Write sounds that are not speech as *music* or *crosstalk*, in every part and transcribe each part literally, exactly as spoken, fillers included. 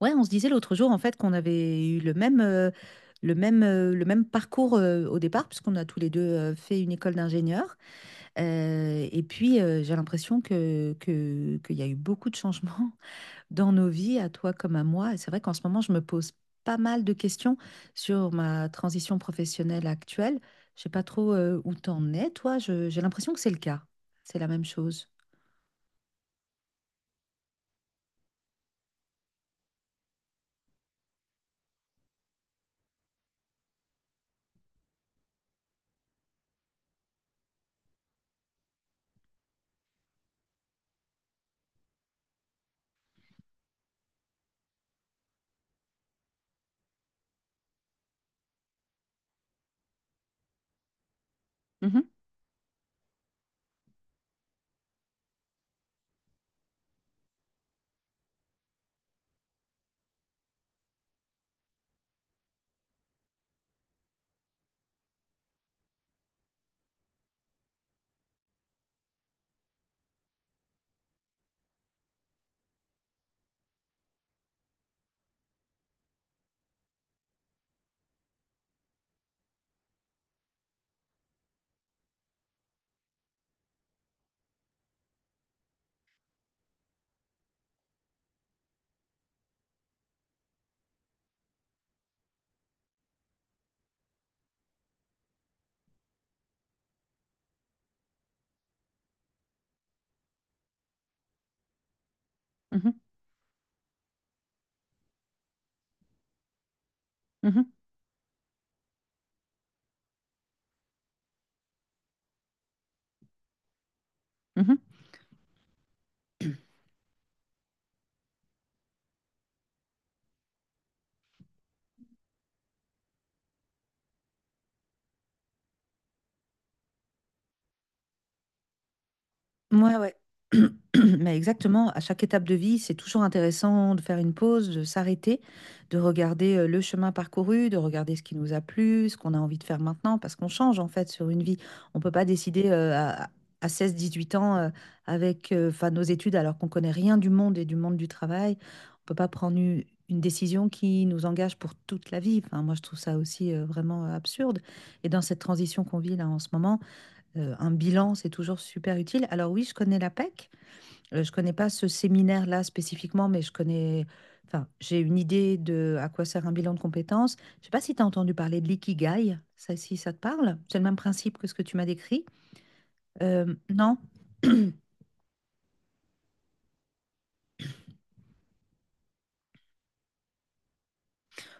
Ouais, on se disait l'autre jour en fait qu'on avait eu le même, euh, le même, euh, le même parcours euh, au départ, puisqu'on a tous les deux euh, fait une école d'ingénieur. Euh, et puis euh, j'ai l'impression que, que, qu'il y a eu beaucoup de changements *laughs* dans nos vies, à toi comme à moi. Et c'est vrai qu'en ce moment, je me pose pas mal de questions sur ma transition professionnelle actuelle. Je sais pas trop euh, où t'en es, toi. Je- j'ai l'impression que c'est le cas. C'est la même chose. Mhm, mhm, mhm, mhm. Ouais, ouais. *clears throat* Mais exactement, à chaque étape de vie, c'est toujours intéressant de faire une pause, de s'arrêter, de regarder euh, le chemin parcouru, de regarder ce qui nous a plu, ce qu'on a envie de faire maintenant, parce qu'on change en fait sur une vie. On ne peut pas décider euh, à, à seize dix-huit ans euh, avec euh, 'fin, nos études alors qu'on connaît rien du monde et du monde du travail. On ne peut pas prendre une, une décision qui nous engage pour toute la vie. Enfin, moi, je trouve ça aussi euh, vraiment absurde. Et dans cette transition qu'on vit là en ce moment, euh, un bilan, c'est toujours super utile. Alors oui, je connais l'APEC. Euh, je connais pas ce séminaire-là spécifiquement, mais je connais, enfin, j'ai une idée de à quoi sert un bilan de compétences. Je sais pas si tu as entendu parler de l'ikigai, ça, si ça te parle. C'est le même principe que ce que tu m'as décrit. Euh, non?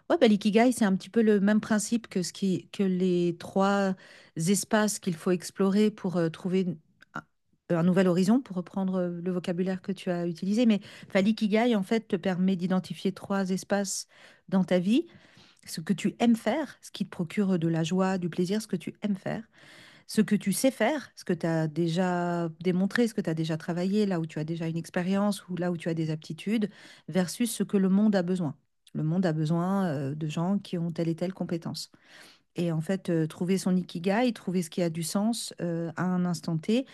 Ouais, bah, l'ikigai, c'est un petit peu le même principe que ce qui, que les trois espaces qu'il faut explorer pour euh, trouver une- un, un nouvel horizon, pour reprendre euh, le vocabulaire que tu as utilisé. Mais enfin, l'ikigai, en fait, te permet d'identifier trois espaces dans ta vie, ce que tu aimes faire, ce qui te procure de la joie, du plaisir, ce que tu aimes faire ce que tu sais faire, ce que tu as déjà démontré, ce que tu as déjà travaillé, là où tu as déjà une expérience ou là où tu as des aptitudes, versus ce que le monde a besoin. Le monde a besoin euh, de gens qui ont telle et telle compétence. Et en fait, euh, trouver son ikigai, trouver ce qui a du sens euh, à un instant T,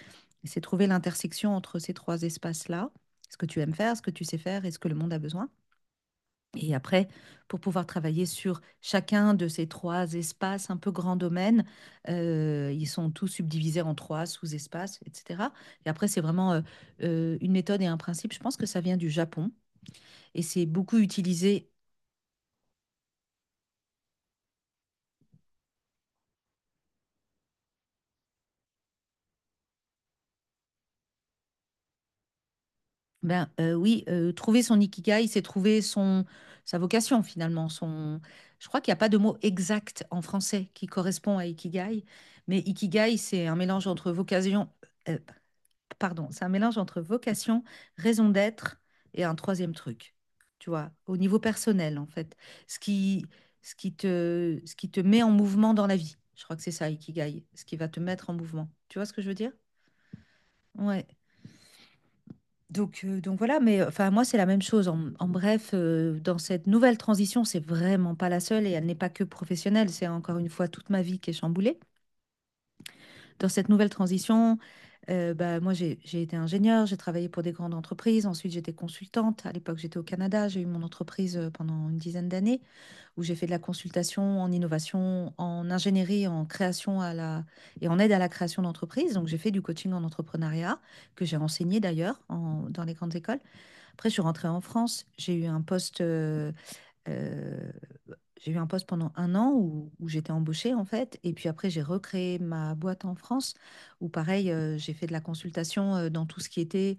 c'est trouver l'intersection entre ces trois espaces-là, ce que tu aimes faire, ce que tu sais faire et ce que le monde a besoin. Et après, pour pouvoir travailler sur chacun de ces trois espaces un peu grands domaines, euh, ils sont tous subdivisés en trois sous-espaces, et cetera. Et après, c'est vraiment euh, euh, une méthode et un principe. Je pense que ça vient du Japon et c'est beaucoup utilisé. Ben euh, oui, euh, trouver son ikigai, c'est trouver son sa vocation finalement. Son, je crois qu'il n'y a pas de mot exact en français qui correspond à ikigai, mais ikigai, c'est un mélange entre vocation, euh, pardon, c'est un mélange entre vocation, raison d'être et un troisième truc, tu vois, au niveau personnel, en fait. Ce qui, ce qui te, Ce qui te met en mouvement dans la vie. Je crois que c'est ça, Ikigai, ce qui va te mettre en mouvement. Tu vois ce que je veux dire? Ouais. Donc, euh, donc voilà, mais enfin moi c'est la même chose. En, en bref, euh, dans cette nouvelle transition, c'est vraiment pas la seule et elle n'est pas que professionnelle. C'est encore une fois toute ma vie qui est chamboulée. Dans cette nouvelle transition, euh, bah, moi, j'ai j'ai été ingénieure, j'ai travaillé pour des grandes entreprises. Ensuite, j'étais consultante. À l'époque, j'étais au Canada. J'ai eu mon entreprise euh, pendant une dizaine d'années où j'ai fait de la consultation en innovation, en ingénierie, en création à la... et en aide à la création d'entreprises. Donc, j'ai fait du coaching en entrepreneuriat que j'ai enseigné d'ailleurs en- dans les grandes écoles. Après, je suis rentrée en France. J'ai eu un poste euh, euh, j'ai eu un poste pendant un an où, où j'étais embauchée en fait, et puis après j'ai recréé ma boîte en France où pareil euh, j'ai fait de la consultation euh, dans tout ce qui était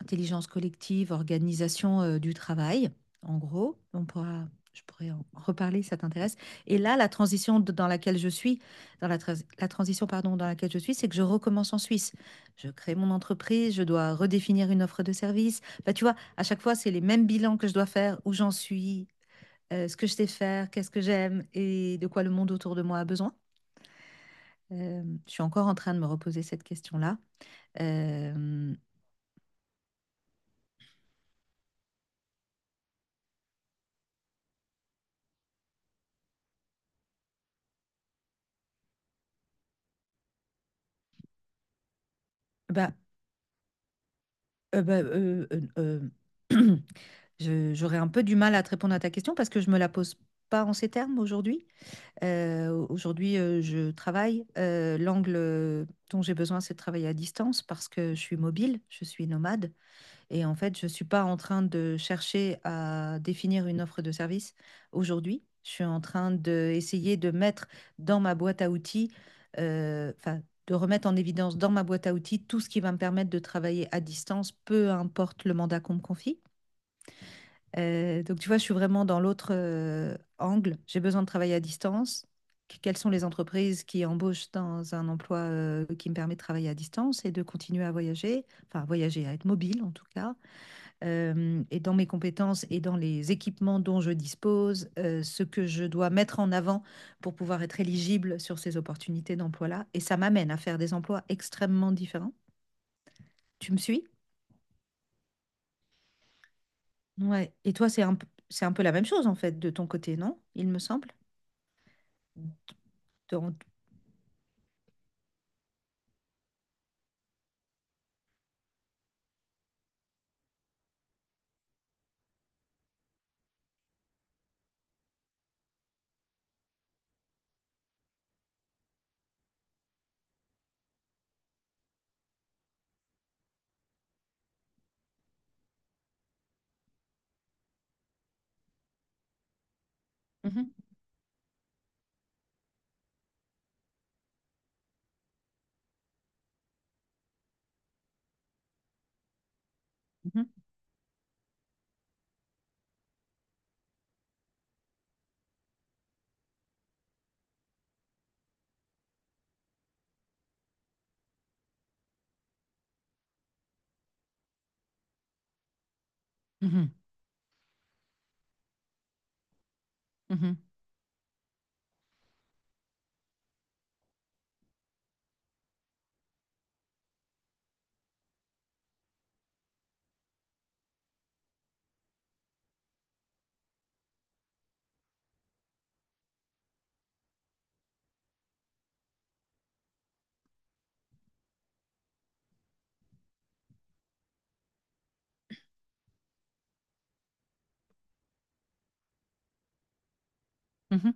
intelligence collective, organisation euh, du travail. En gros, on pourra, je pourrais en reparler si ça t'intéresse. Et là, la transition de- dans laquelle je suis, dans la, trans- la transition pardon dans laquelle je suis, c'est que je recommence en Suisse. Je crée mon entreprise, je dois redéfinir une offre de service. Bah, tu vois, à chaque fois c'est les mêmes bilans que je dois faire, où j'en suis, euh, ce que je sais faire, qu'est-ce que j'aime et de quoi le monde autour de moi a besoin. Euh, je suis encore en train de me reposer cette question-là. Euh, Bah, euh, bah, euh, euh, euh, *clears throat* je- J'aurais un peu du mal à te répondre à ta question parce que je me la pose pas en ces termes aujourd'hui. Euh, aujourd'hui, euh, je travaille. Euh, l'angle euh, dont j'ai besoin, c'est de travailler à distance parce que je suis mobile, je suis nomade. Et en fait, je ne suis pas en train de chercher à définir une offre de service aujourd'hui. Je suis en train d'essayer de mettre dans ma boîte à outils, euh, enfin, de remettre en évidence dans ma boîte à outils tout ce qui va me permettre de travailler à distance, peu importe le mandat qu'on me confie. Euh, donc, tu vois, je suis vraiment dans l'autre euh, angle. J'ai besoin de travailler à distance. Qu- Quelles sont les entreprises qui embauchent dans un emploi euh, qui me permet de travailler à distance et de continuer à voyager, enfin, à voyager, à être mobile en tout cas euh, et dans mes compétences et dans les équipements dont je dispose, euh, ce que je dois mettre en avant pour pouvoir être éligible sur ces opportunités d'emploi-là. Et ça m'amène à faire des emplois extrêmement différents. Tu me suis? Ouais. Et toi, c'est un, p- c'est un peu la même chose, en fait, de ton côté, non? Il me semble. Dans- Mhm, mhm, mhm, mhm, mhm.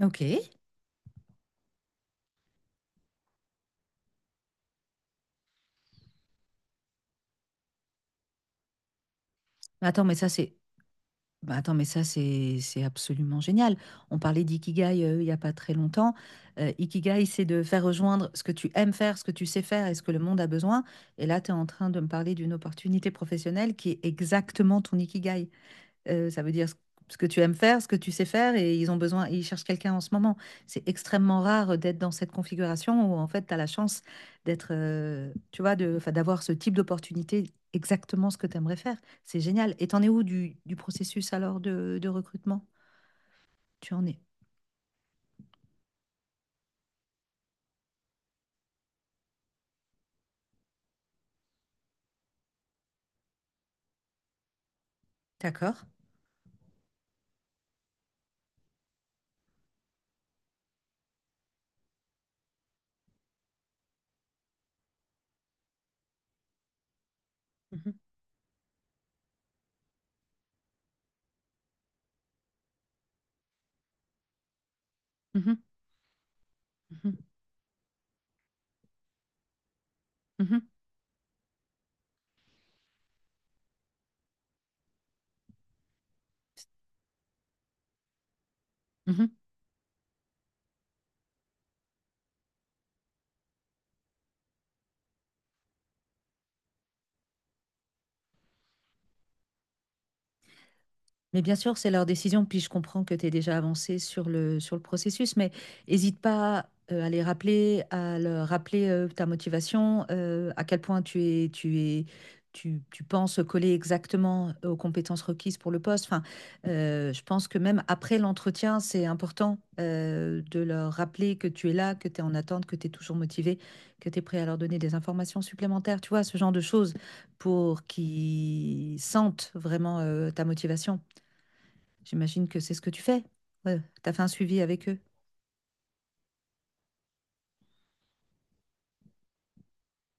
Ok. Attends, mais ça, c'est Bah attends, mais ça, c'est c'est absolument génial. On parlait d'ikigai euh, il n'y a pas très longtemps. Euh, Ikigai, c'est de faire rejoindre ce que tu aimes faire, ce que tu sais faire et ce que le monde a besoin. Et là, tu es en train de me parler d'une opportunité professionnelle qui est exactement ton ikigai. Euh, ça veut dire ce ce que tu aimes faire, ce que tu sais faire, et ils ont besoin, ils cherchent quelqu'un en ce moment. C'est extrêmement rare d'être dans cette configuration où en fait, tu as la chance d'être, euh, tu vois, de, 'fin, d'avoir ce type d'opportunité, exactement ce que tu aimerais faire. C'est génial. Et t'en es où du, du processus alors de, de recrutement? Tu en es. D'accord. Mhm, mhm, mhm, mhm, mhm. Mais bien sûr, c'est leur décision, puis je comprends que tu es déjà avancé sur le, sur le processus, mais hésite pas euh, à les rappeler, à leur rappeler euh, ta motivation, euh, à quel point tu es, tu es, tu, tu penses coller exactement aux compétences requises pour le poste. Enfin, euh, je pense que même après l'entretien, c'est important euh, de leur rappeler que tu es là, que tu es en attente, que tu es toujours motivé, que tu es prêt à leur donner des informations supplémentaires, tu vois, ce genre de choses pour qu'ils sentent vraiment euh, ta motivation. J'imagine que c'est ce que tu fais. Ouais, t'as fait un suivi avec eux.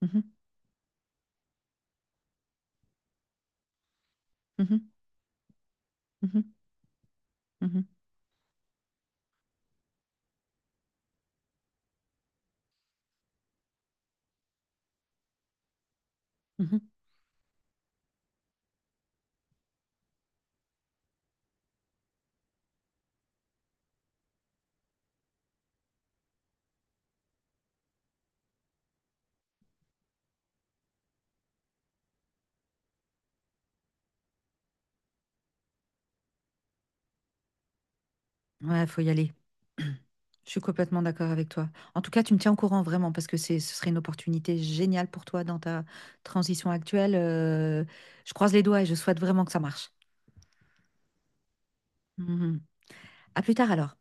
Mhm, mhm, mhm, mhm, mhm. Ouais, faut y aller. *clears throat* Je suis complètement d'accord avec toi. En tout cas, tu me tiens au courant vraiment parce que c'est, ce serait une opportunité géniale pour toi dans ta transition actuelle. Euh, je croise les doigts et je souhaite vraiment que ça marche. Mhm. À plus tard alors.